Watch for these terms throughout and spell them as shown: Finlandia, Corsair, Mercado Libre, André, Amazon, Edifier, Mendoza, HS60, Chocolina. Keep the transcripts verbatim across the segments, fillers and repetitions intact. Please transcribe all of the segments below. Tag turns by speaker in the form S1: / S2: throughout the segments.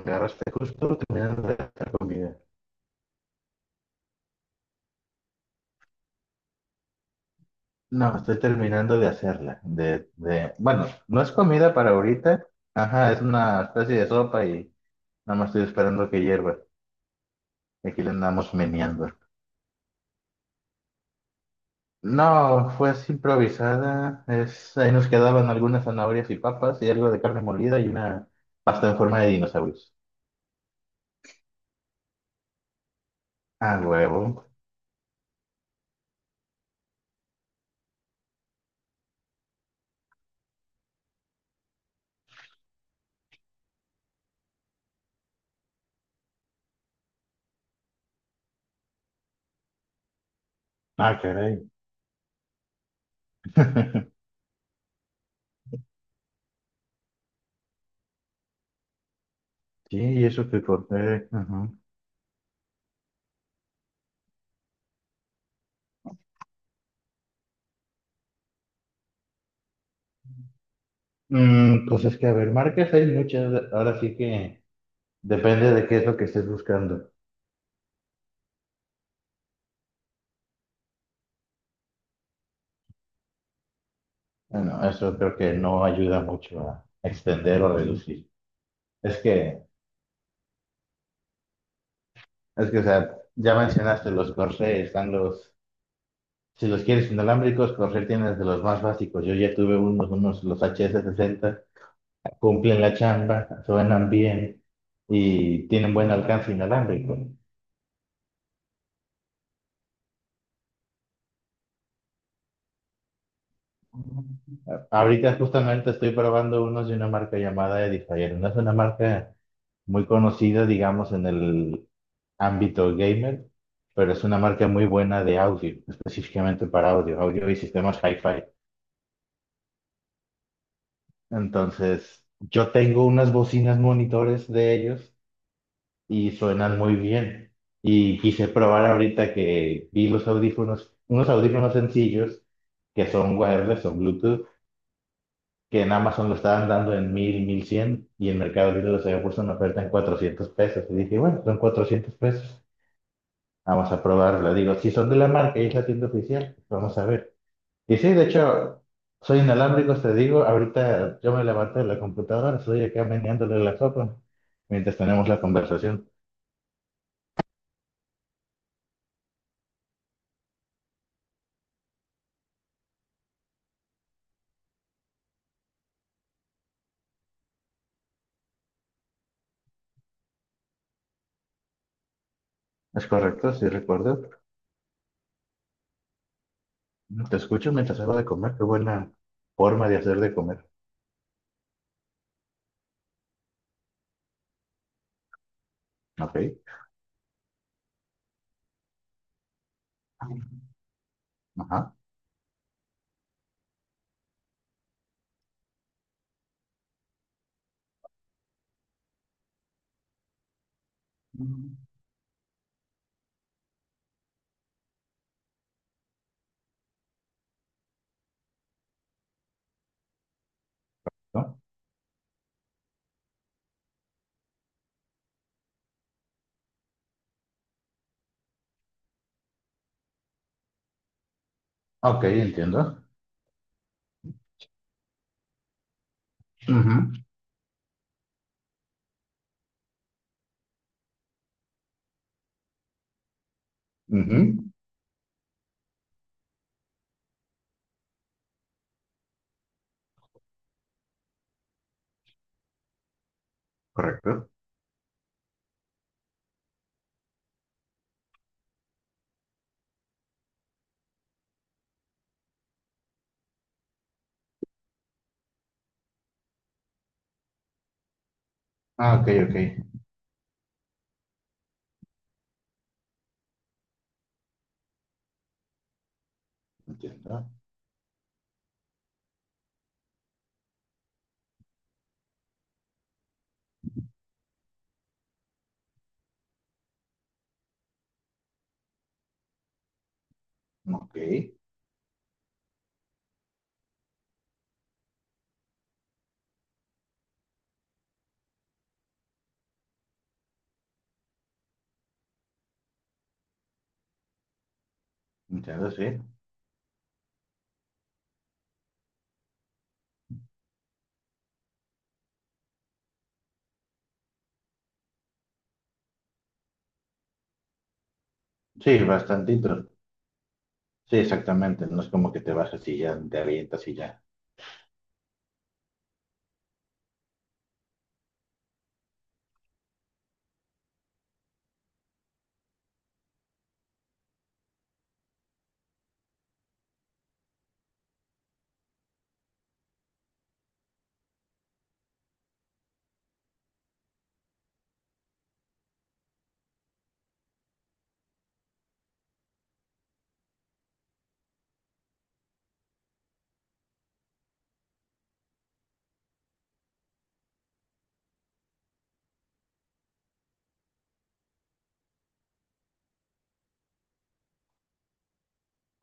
S1: Agarraste justo terminando de hacer comida. No, estoy terminando de hacerla. De, de, bueno, no es comida para ahorita. Ajá, es una especie de sopa y nada más estoy esperando que hierva. Y aquí le andamos meneando. No, fue así improvisada. Es, ahí nos quedaban algunas zanahorias y papas y algo de carne molida y una pasta en forma de dinosaurios. Ah, huevo. Ah, caray. Sí, y eso que corté. Ajá. Mm, pues es que, a ver, marcas hay muchas. Ahora sí que. Depende de qué es lo que estés buscando. Bueno, eso creo que no ayuda mucho a extender o reducir. Es que, es que, o sea, ya mencionaste los Corsair, están los, si los quieres inalámbricos, Corsair tienes de los más básicos. Yo ya tuve unos, unos, los H S sesenta, cumplen la chamba, suenan bien y tienen buen alcance inalámbrico. Ahorita justamente estoy probando unos de una marca llamada Edifier. No es una marca muy conocida, digamos, en el ámbito gamer, pero es una marca muy buena de audio, específicamente para audio, audio y sistemas hi-fi. Entonces, yo tengo unas bocinas monitores de ellos y suenan muy bien. Y quise probar ahorita que vi los audífonos, unos audífonos sencillos que son wireless, son Bluetooth, que en Amazon lo estaban dando en mil, mil cien y en Mercado Libre los había puesto en oferta en cuatrocientos pesos. Y dije, bueno, son cuatrocientos pesos. Vamos a probarla. Digo, si son de la marca y es la tienda oficial, vamos a ver. Y sí, de hecho, soy inalámbrico, te digo. Ahorita yo me levanté de la computadora, estoy acá meneándole la sopa mientras tenemos la conversación. Es correcto, sí recuerdo. Te escucho mientras hago de comer. Qué buena forma de hacer de comer. Ok. Ajá. ¿No? Ok, entiendo. Ujú, ujú. Correcto. Ah, ok, ok. Entiendo. Ok. Entiendo, sí. Sí, bastantito. Sí, exactamente. No es como que te bajas y ya te avientas y ya.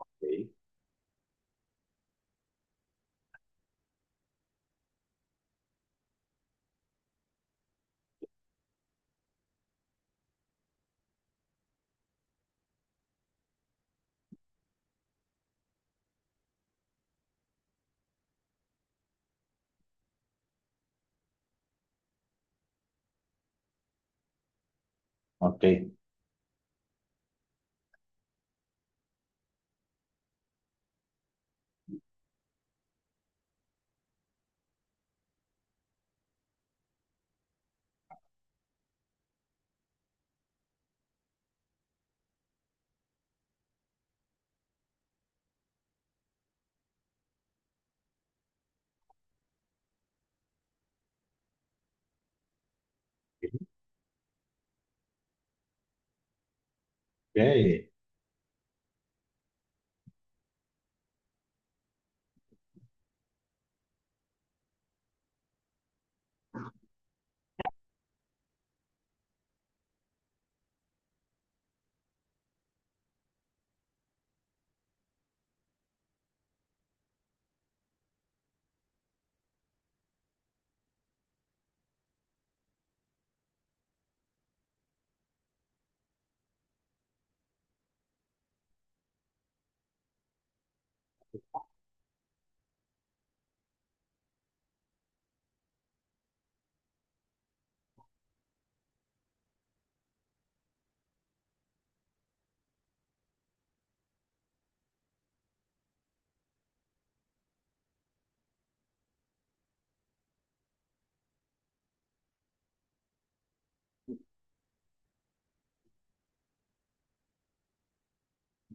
S1: Ok. Ok. Ok.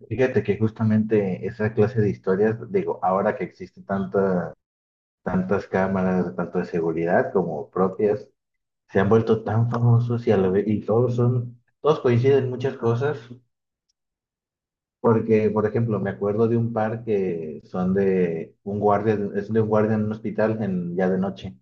S1: Fíjate que justamente esa clase de historias, digo, ahora que existen tanta- tantas cámaras, tanto de seguridad como propias, se han vuelto tan famosos y, a la vez- y todos son, todos coinciden en muchas cosas, porque, por ejemplo, me acuerdo de un par que son de un guardia, es de un guardia en un hospital en, ya de noche.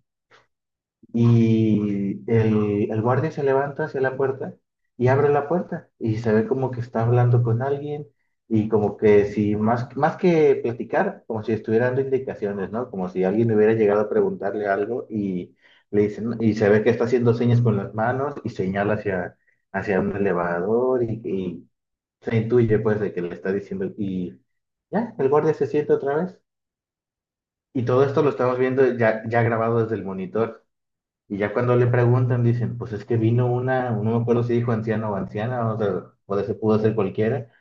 S1: Y el, el guardia se levanta hacia la puerta y abre la puerta y se ve como que está hablando con alguien y como que si más, más que platicar, como si estuviera dando indicaciones, ¿no? Como si alguien hubiera llegado a preguntarle algo y le dicen, y se ve que está haciendo señas con las manos y señala hacia, hacia un elevador y, y se intuye pues de que le está diciendo y ya, el guardia se siente otra vez. Y todo esto lo estamos viendo ya, ya grabado desde el monitor. Y ya cuando le preguntan, dicen, pues es que vino una, no me acuerdo si dijo anciano o anciana, o sea, puede ser, pudo ser cualquiera.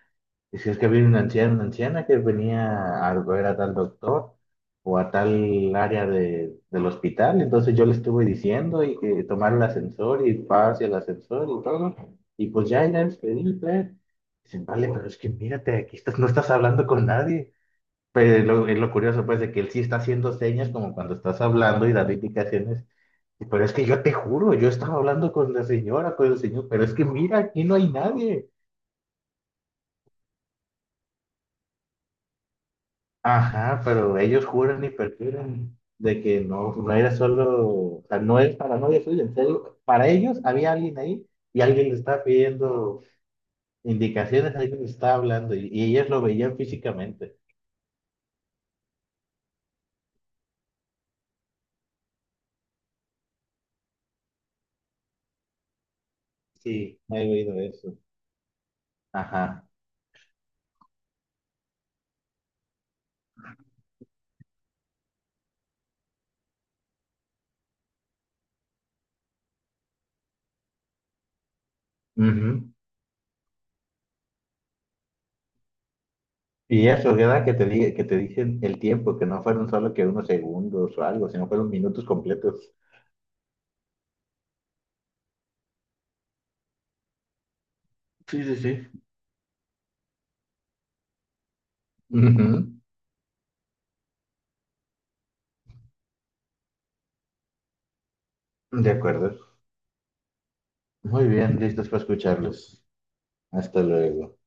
S1: Y si es que vino una anciana, una anciana que venía a ver a tal doctor o a tal área de, del hospital. Entonces yo le estuve diciendo y que tomar el ascensor y pase el ascensor y todo. Y pues ya en el. Dicen, vale, pero es que mírate, aquí estás, no estás hablando con nadie. Pero es lo, es lo curioso, pues, de que él sí está haciendo señas como cuando estás hablando y da indicaciones, pero es que yo te juro, yo estaba hablando con la señora, con el señor, pero es que mira, aquí no hay nadie. Ajá, pero ellos juran y perjuran de que no, no era solo, o sea, no es para novia suya, en serio, para ellos había alguien ahí y alguien le estaba pidiendo indicaciones, alguien le estaba hablando y, y ellos lo veían físicamente. Sí, no he oído eso. Ajá. Ujú. Y eso, ¿verdad? Que te, di- que te dicen el tiempo, que no fueron solo que unos segundos o algo, sino fueron minutos completos. Sí, sí, sí. Ujú. De acuerdo. Muy bien, listos para escucharlos. Hasta luego.